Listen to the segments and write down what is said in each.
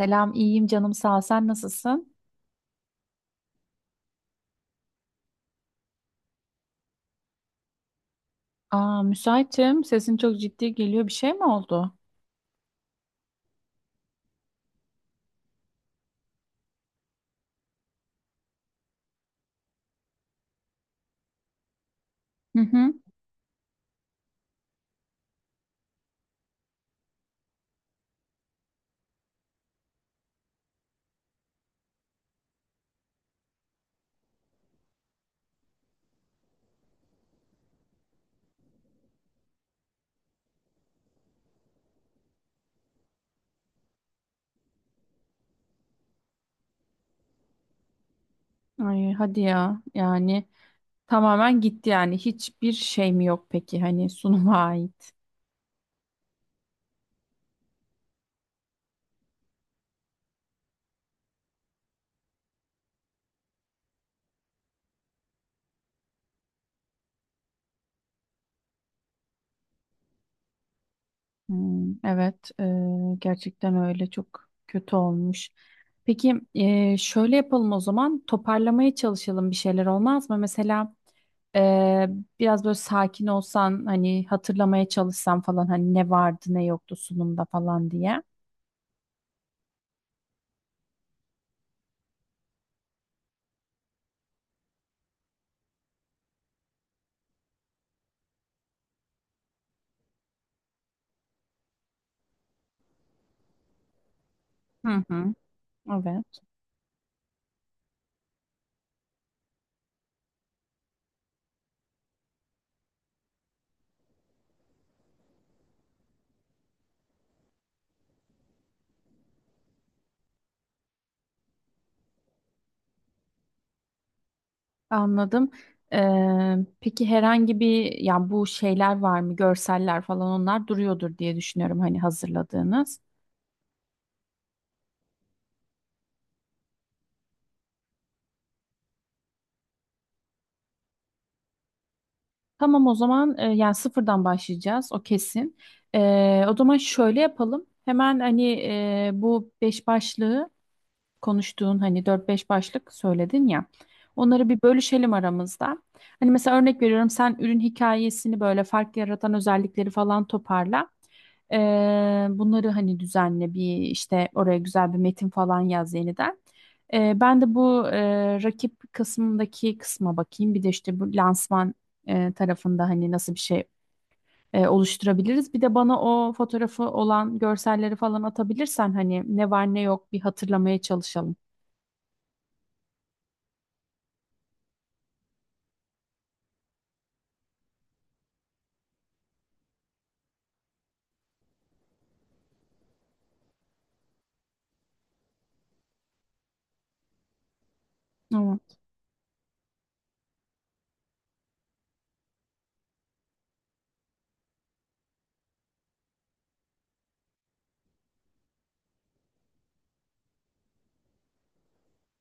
Selam, iyiyim canım sağ ol. Sen nasılsın? Aa, müsaitim. Sesin çok ciddi geliyor. Bir şey mi oldu? Hı hı. Ay, hadi ya. Yani tamamen gitti yani. Hiçbir şey mi yok peki? Hani sunuma ait. Hmm, evet, gerçekten öyle çok kötü olmuş. Peki şöyle yapalım o zaman toparlamaya çalışalım bir şeyler olmaz mı? Mesela e, biraz böyle sakin olsan hani hatırlamaya çalışsan falan hani ne vardı ne yoktu sunumda falan diye. Hı hı, evet. Anladım. Peki herhangi bir ya bu şeyler var mı? Görseller falan onlar duruyordur diye düşünüyorum hani hazırladığınız. Tamam o zaman yani sıfırdan başlayacağız o kesin. O zaman şöyle yapalım. Hemen hani bu beş başlığı konuştuğun hani dört beş başlık söyledin ya. Onları bir bölüşelim aramızda. Hani mesela örnek veriyorum sen ürün hikayesini böyle fark yaratan özellikleri falan toparla. Bunları hani düzenle bir işte oraya güzel bir metin falan yaz yeniden. Ben de bu rakip kısmındaki kısma bakayım. Bir de işte bu lansman tarafında hani nasıl bir şey oluşturabiliriz. Bir de bana o fotoğrafı olan görselleri falan atabilirsen hani ne var ne yok bir hatırlamaya çalışalım. Tamam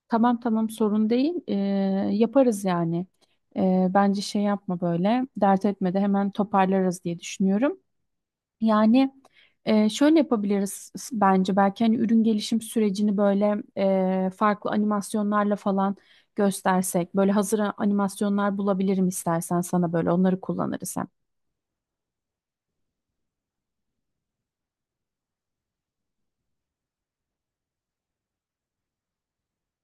tamam tamam, sorun değil. Yaparız yani. Bence şey yapma böyle dert etme de hemen toparlarız diye düşünüyorum. Yani şöyle yapabiliriz bence belki hani ürün gelişim sürecini böyle farklı animasyonlarla falan göstersek. Böyle hazır animasyonlar bulabilirim istersen sana böyle onları kullanırız.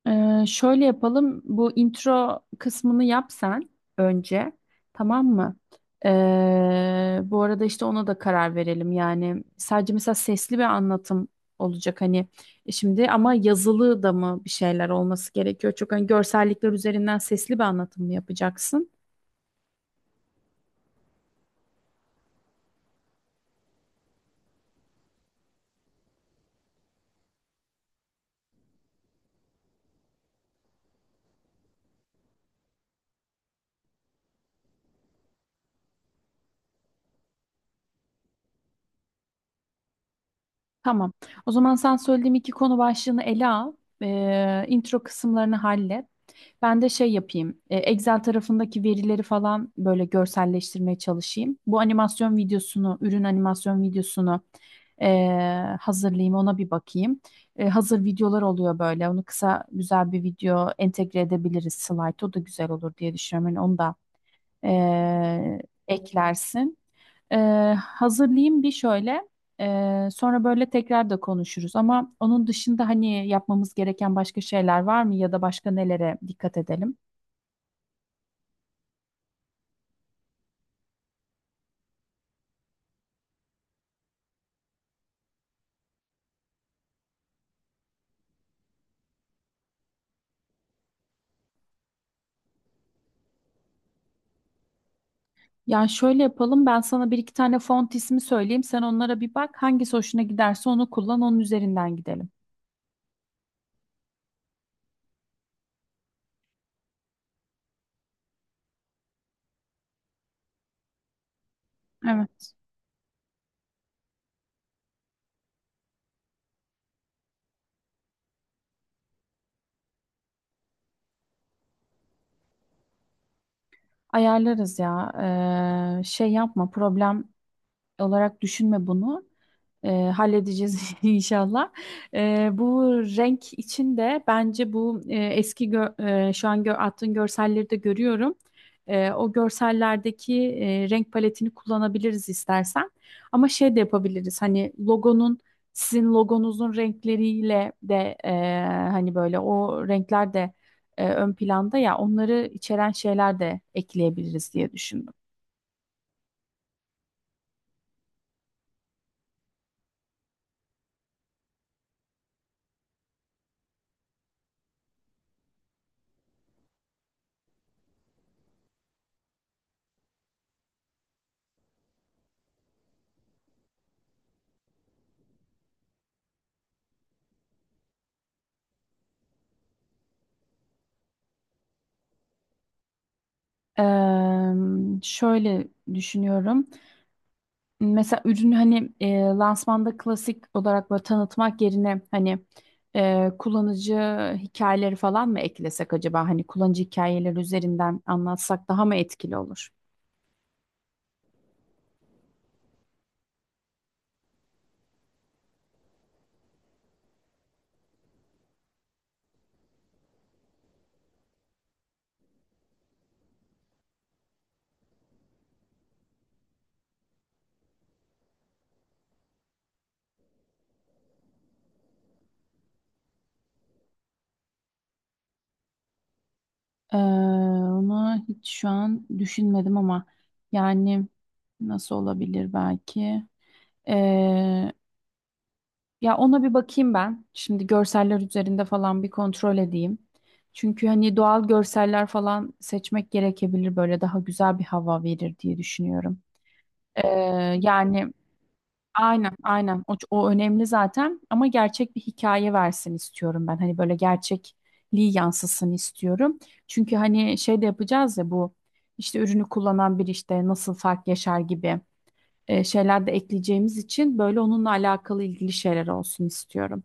Şöyle yapalım. Bu intro kısmını yap sen önce. Tamam mı? Bu arada işte ona da karar verelim. Yani sadece mesela sesli bir anlatım olacak hani. Şimdi ama yazılı da mı bir şeyler olması gerekiyor? Çok hani görsellikler üzerinden sesli bir anlatım mı yapacaksın? Tamam. O zaman sen söylediğim iki konu başlığını ele al. Intro kısımlarını hallet. Ben de şey yapayım. Excel tarafındaki verileri falan böyle görselleştirmeye çalışayım. Bu animasyon videosunu, ürün animasyon videosunu e, hazırlayayım. Ona bir bakayım. Hazır videolar oluyor böyle. Onu kısa güzel bir video entegre edebiliriz slide. O da güzel olur diye düşünüyorum. Yani onu da e, eklersin. E, Hazırlayayım bir şöyle. Sonra böyle tekrar da konuşuruz. Ama onun dışında hani yapmamız gereken başka şeyler var mı ya da başka nelere dikkat edelim? Ya şöyle yapalım ben sana bir iki tane font ismi söyleyeyim sen onlara bir bak hangisi hoşuna giderse onu kullan onun üzerinden gidelim. Evet. Ayarlarız ya. Şey yapma problem olarak düşünme bunu. Halledeceğiz inşallah. Bu renk için de bence bu eski şu an gö attığın görselleri de görüyorum. O görsellerdeki renk paletini kullanabiliriz istersen. Ama şey de yapabiliriz. Hani sizin logonuzun renkleriyle de hani böyle o renkler de ön planda ya onları içeren şeyler de ekleyebiliriz diye düşündüm. Eee, Şöyle düşünüyorum. Mesela ürünü hani lansmanda klasik olarak böyle tanıtmak yerine hani kullanıcı hikayeleri falan mı eklesek acaba? Hani kullanıcı hikayeleri üzerinden anlatsak daha mı etkili olur? Onu hiç şu an düşünmedim ama yani nasıl olabilir belki? Eee, Ya ona bir bakayım ben. Şimdi görseller üzerinde falan bir kontrol edeyim. Çünkü hani doğal görseller falan seçmek gerekebilir böyle daha güzel bir hava verir diye düşünüyorum. Ee, Yani aynen aynen o önemli zaten ama gerçek bir hikaye versin istiyorum ben. Hani böyle gerçekliği yansısın istiyorum. Çünkü hani şey de yapacağız ya bu işte ürünü kullanan bir işte nasıl fark yaşar gibi şeyler de ekleyeceğimiz için böyle onunla alakalı ilgili şeyler olsun istiyorum.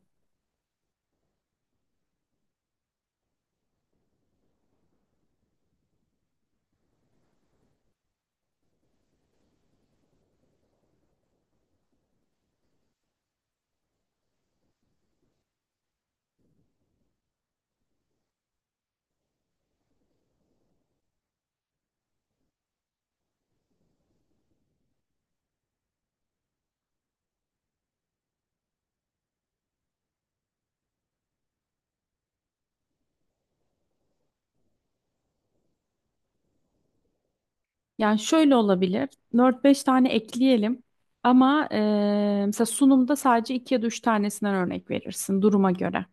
Yani şöyle olabilir. Dört beş tane ekleyelim. Ama mesela sunumda sadece 2 ya da 3 tanesinden örnek verirsin duruma göre.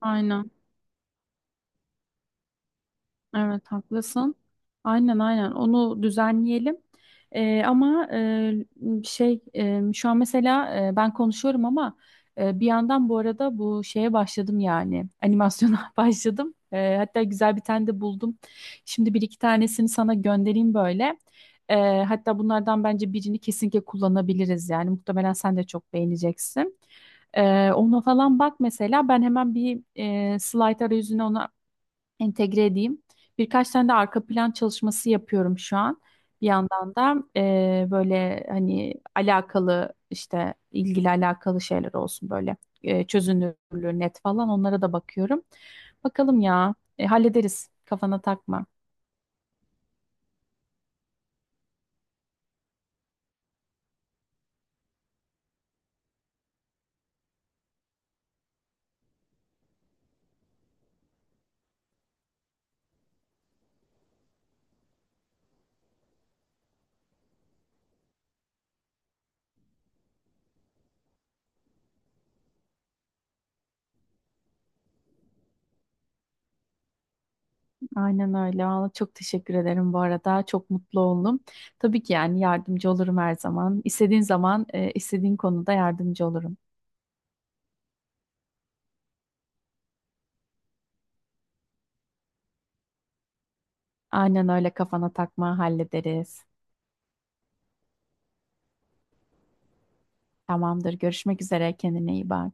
Aynen. Evet haklısın. Aynen aynen onu düzenleyelim. Ama şey şu an mesela ben konuşuyorum ama bir yandan bu arada bu şeye başladım yani animasyona başladım. Hatta güzel bir tane de buldum. Şimdi bir iki tanesini sana göndereyim böyle. Hatta bunlardan bence birini kesinlikle kullanabiliriz yani muhtemelen sen de çok beğeneceksin. Ona falan bak mesela ben hemen bir slide arayüzüne ona entegre edeyim. Birkaç tane de arka plan çalışması yapıyorum şu an. Bir yandan da böyle hani alakalı işte ilgili alakalı şeyler olsun böyle çözünürlüğü net falan onlara da bakıyorum. Bakalım ya. Hallederiz kafana takma. Aynen öyle. Valla çok teşekkür ederim bu arada. Çok mutlu oldum. Tabii ki yani yardımcı olurum her zaman. İstediğin zaman, istediğin konuda yardımcı olurum. Aynen öyle kafana takma hallederiz. Tamamdır. Görüşmek üzere. Kendine iyi bak.